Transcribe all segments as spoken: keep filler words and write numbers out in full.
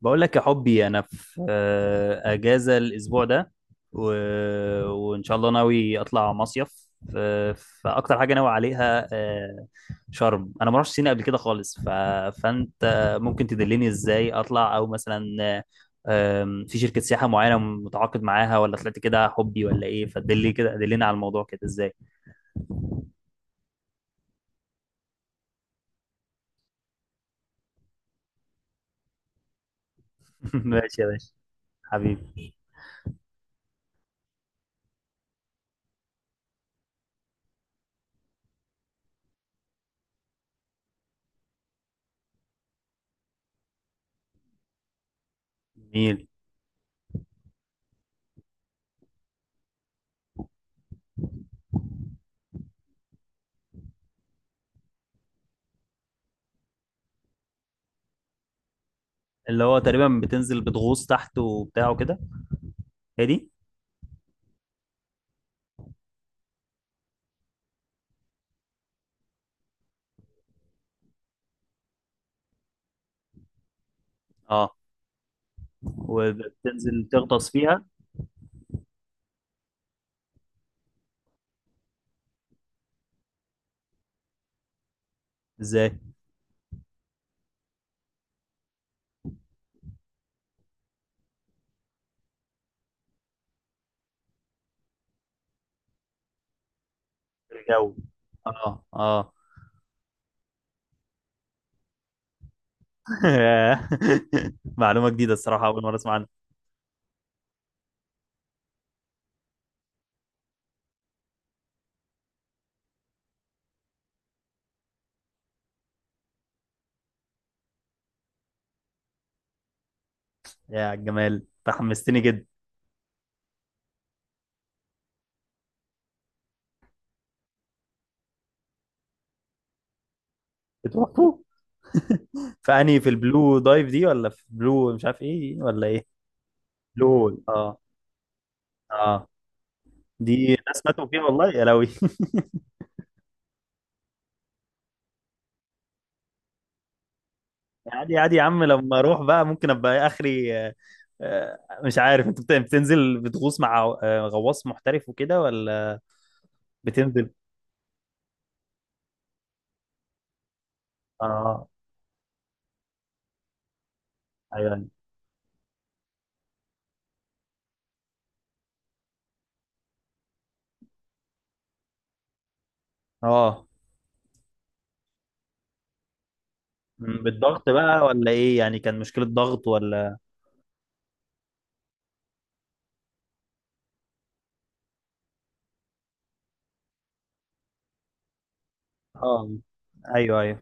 بقول لك يا حبي انا في آه، اجازه الاسبوع ده، و... وان شاء الله ناوي اطلع مصيف، ف- فاكتر حاجه ناوي عليها آه، شرم. انا ما رحتش سينا قبل كده خالص، ف... فانت ممكن تدلني ازاي اطلع، او مثلا آه، آم، في شركه سياحه معينه متعاقد معاها، ولا طلعت كده حبي ولا ايه؟ فدلني كده، دلني على الموضوع كده ازاي. ماشي يا باشا. حبيبي. جميل. اللي هو تقريبا بتنزل بتغوص تحت وبتاع وكده، هي دي؟ اه. وبتنزل تغطس فيها. ازاي؟ الجو. اه اه. معلومة جديدة الصراحة، أول مرة أسمع عنها. يا جمال تحمستني جدا. بتروحوا فأنهي؟ في البلو دايف دي، ولا في بلو مش عارف إيه ولا إيه؟ بلو هول، اه. اه. دي ناس ماتوا فيها والله يا لوي. عادي عادي يا عم، لما أروح بقى ممكن أبقى آخري آه، آه، مش عارف أنت بت- بتنزل بتغوص مع آه، غواص محترف وكده ولا؟ بتنزل. اه. أيوه أيوة. اه. مم، بالضغط بقى ولا ايه يعني؟ كان مشكلة ضغط ولا؟ اه. ايوه ايوه.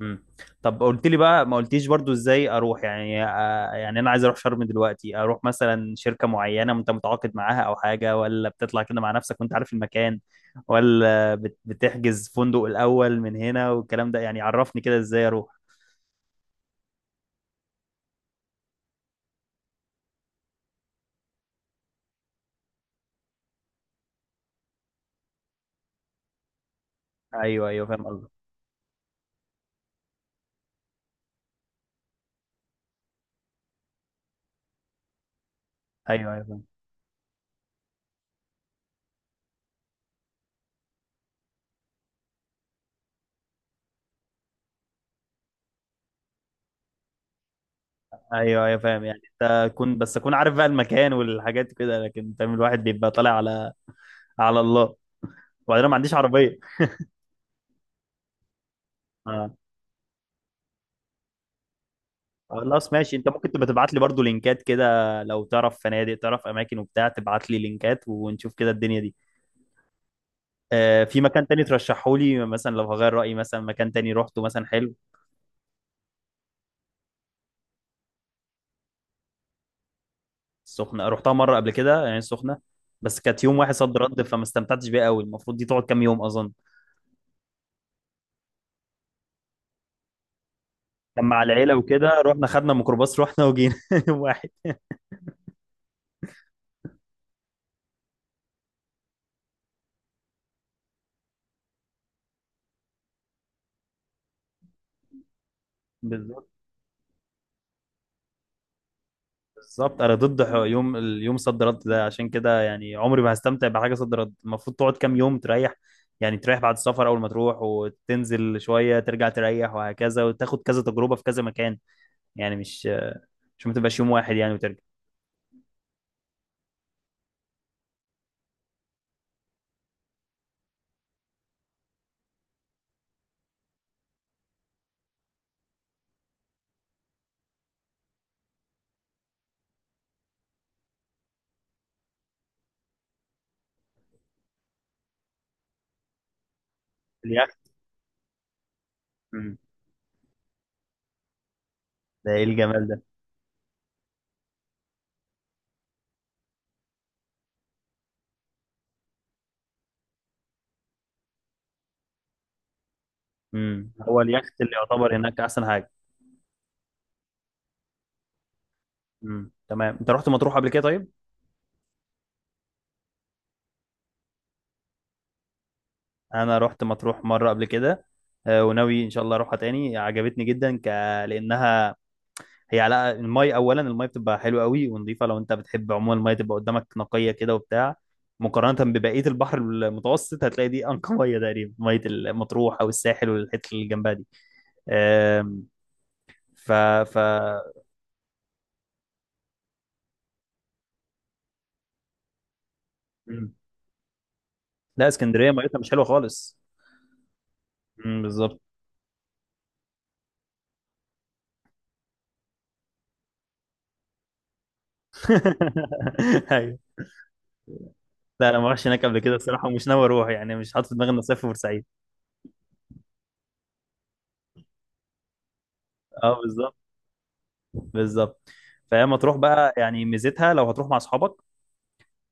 مم. طب قلت لي بقى، ما قلتيش برضو ازاي اروح يعني، آه، يعني انا عايز اروح شرم دلوقتي، اروح مثلا شركة معينة انت متعاقد معاها او حاجة، ولا بتطلع كده مع نفسك وانت عارف المكان، ولا بت- بتحجز فندق الاول من هنا والكلام ده يعني؟ عرفني كده ازاي اروح. ايوه ايوه فاهم قصدك. ايوه ايوه فاهم. ايوه ايوه فاهم، يعني انت كنت، بس اكون عارف بقى المكان والحاجات كده، لكن فاهم الواحد بيبقى طالع على على الله. وبعدين أنا ما عنديش عربيه. آه. خلاص ماشي، انت ممكن تبقى تبعت لي برضو لينكات كده، لو تعرف فنادق، تعرف اماكن وبتاع، تبعت لي لينكات ونشوف كده الدنيا دي. آه في مكان تاني ترشحه لي مثلا، لو هغير رايي مثلا، مكان تاني روحته مثلا حلو؟ السخنه رحتها مره قبل كده يعني، السخنه بس كانت يوم واحد صد رد، فما استمتعتش بيها قوي. المفروض دي تقعد كام يوم اظن. كان مع العيله وكده، رحنا خدنا ميكروباص رحنا وجينا يوم واحد. بالظبط. بالظبط، انا ضد ح- يوم اليوم صد رد ده، عشان كده يعني عمري ما هستمتع بحاجه صد رد. المفروض تقعد كام يوم تريح، يعني تريح بعد السفر، اول ما تروح وتنزل شويه ترجع تريح، وهكذا، وتاخد كذا تجربه في كذا مكان، يعني مش مش ما تبقاش يوم واحد يعني وترجع. اليخت. مم. ده ايه الجمال ده. امم هو اليخت اللي يعتبر هناك احسن حاجه؟ امم تمام. انت رحت مطروح قبل كده طيب؟ انا رحت مطروح مره قبل كده، آه، وناوي ان شاء الله اروحها تاني، عجبتني جدا، ك... لانها هي على المي اولا. المي بتبقى حلوه قوي ونظيفه، لو انت بتحب عموما المي تبقى قدامك نقيه كده وبتاع. مقارنه ببقيه البحر المتوسط هتلاقي دي انقى ميه تقريبا، ميه المطروح او الساحل والحته اللي جنبها دي. آم، ف ف مم. لا، اسكندريه ميتها مش حلوه خالص. مم، بالظبط. ايوه. لا انا ما رحتش هناك قبل كده الصراحه، ومش ناوي اروح يعني، مش حاطط في دماغي اني اصيف في بورسعيد. اه بالظبط. بالظبط. فهي مطروح بقى يعني ميزتها لو هتروح مع اصحابك،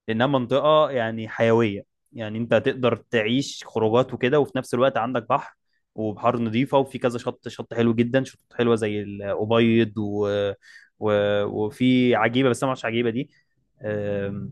لانها منطقه يعني حيويه. يعني انت هتقدر تعيش خروجات وكده، وفي نفس الوقت عندك بحر، وبحار نظيفه، وفي كذا شط شط حلو جدا، شطوط حلوه زي الابيض و... و... وفي عجيبه، بس انا ما اعرفش عجيبه دي. أم،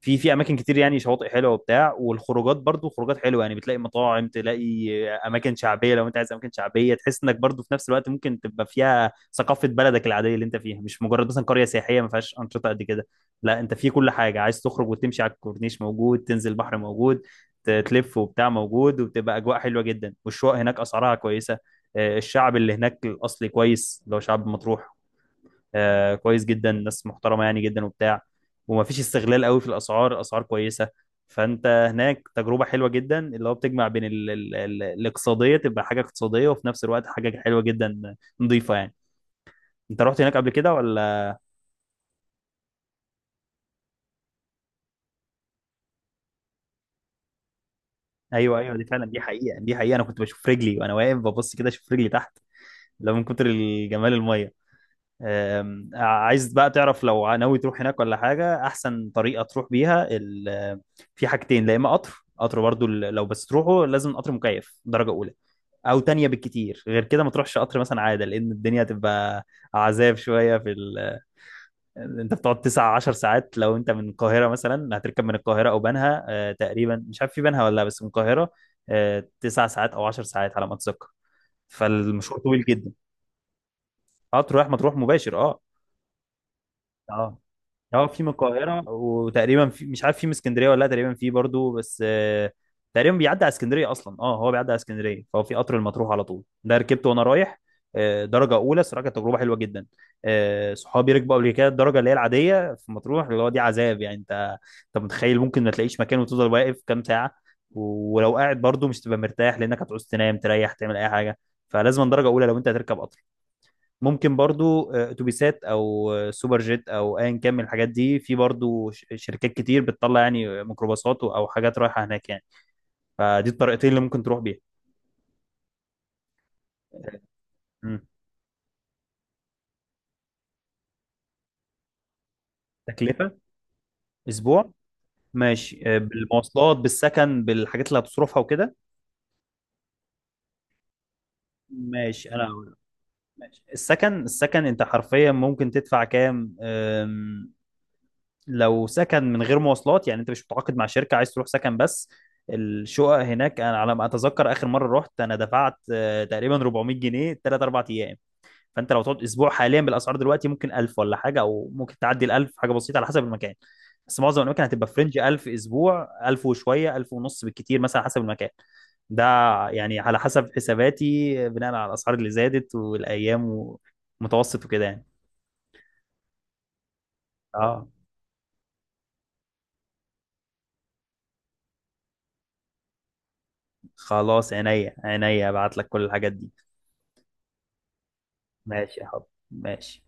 في في اماكن كتير يعني، شواطئ حلوه وبتاع، والخروجات برضو خروجات حلوه، يعني بتلاقي مطاعم، تلاقي اماكن شعبيه، لو انت عايز اماكن شعبيه تحس انك برضو في نفس الوقت ممكن تبقى فيها ثقافه بلدك العاديه اللي انت فيها، مش مجرد مثلا قريه سياحيه ما فيهاش انشطه قد كده. لا انت في كل حاجه، عايز تخرج وتمشي على الكورنيش موجود، تنزل بحر موجود، ت- تلف وبتاع موجود، وبتبقى اجواء حلوه جدا، والشقق هناك اسعارها كويسه. آه، الشعب اللي هناك الاصلي كويس، اللي هو شعب مطروح، آه، كويس جدا، ناس محترمه يعني جدا وبتاع، وما فيش استغلال قوي في الاسعار، الاسعار كويسه. فانت هناك تجربه حلوه جدا، اللي هو بتجمع بين ال ال ال الاقتصاديه، تبقى حاجه اقتصاديه، وفي نفس الوقت حاجه حلوه جدا، نظيفه يعني. انت رحت هناك قبل كده ولا؟ ايوه ايوه، دي فعلا دي حقيقه، دي حقيقه، انا كنت بشوف رجلي وانا واقف ببص كده، اشوف رجلي تحت لو، من كتر الجمال الميه. أم، عايز بقى تعرف لو ناوي تروح هناك ولا حاجه، احسن طريقه تروح بيها، ال- في حاجتين. لا، اما قطر قطر برضو، ال- لو بس تروحه لازم قطر مكيف درجه اولى، او تانية بالكتير، غير كده ما تروحش قطر مثلا عاده، لان الدنيا هتبقى عذاب شويه في ال... انت بتقعد تسع عشر ساعات، لو انت من القاهره مثلا هتركب من القاهره او بنها، آه، تقريبا مش عارف في بنها ولا لا، بس من القاهره آه، تسع ساعات او عشر ساعات على ما اتذكر، فالمشوار طويل جدا. اه. تروح ما تروح مباشر. اه. اه. اه، في من القاهرة، وتقريبا في، مش عارف في من اسكندرية ولا لا، تقريبا في برضو بس آه، تقريبا بيعدي على اسكندرية أصلا. اه هو بيعدي على اسكندرية، فهو في قطر المطروح على طول. ده ركبته وأنا رايح، آه، درجة أولى صراحة، كانت تجربة حلوة جدا. آه، صحابي ركبوا قبل كده الدرجة اللي هي العادية في مطروح، اللي هو دي عذاب يعني. أنت أنت متخيل، ممكن ما تلاقيش مكان وتفضل واقف كام ساعة، ولو قاعد برضو مش تبقى مرتاح لأنك هتعوز تنام، تريح، تعمل أي حاجة، فلازم درجة أولى لو أنت هتركب قطر. ممكن برضو آه، اتوبيسات او آه، سوبر جيت او ايا كان من الحاجات دي، في برضو ش- شركات كتير بتطلع، يعني ميكروباصات او حاجات رايحه هناك يعني، فدي الطريقتين اللي ممكن تروح بيها. مم. تكلفه. اسبوع؟ ماشي، آه، بالمواصلات بالسكن بالحاجات اللي هتصرفها وكده. ماشي انا. ماشي السكن، السكن انت حرفيا ممكن تدفع كام، لو سكن من غير مواصلات يعني، انت مش متعاقد مع شركة عايز تروح سكن بس. الشقق هناك، انا على ما اتذكر اخر مرة رحت انا دفعت آه، تقريبا أربعمية جنيه، تلاتة أربعة ايام. فانت لو تقعد اسبوع حاليا بالاسعار دلوقتي ممكن ألف ولا حاجة، او ممكن تعدي ال ألف حاجة بسيطة على حسب المكان. بس معظم الاماكن هتبقى فرنج ألف اسبوع، ألف وشوية، ألف ونص بالكتير مثلا حسب المكان. ده يعني على حسب حساباتي، بناء على الاسعار اللي زادت والايام ومتوسط وكده يعني. اه. خلاص عينيا عينيا، ابعت لك كل الحاجات دي. ماشي يا حب. ماشي.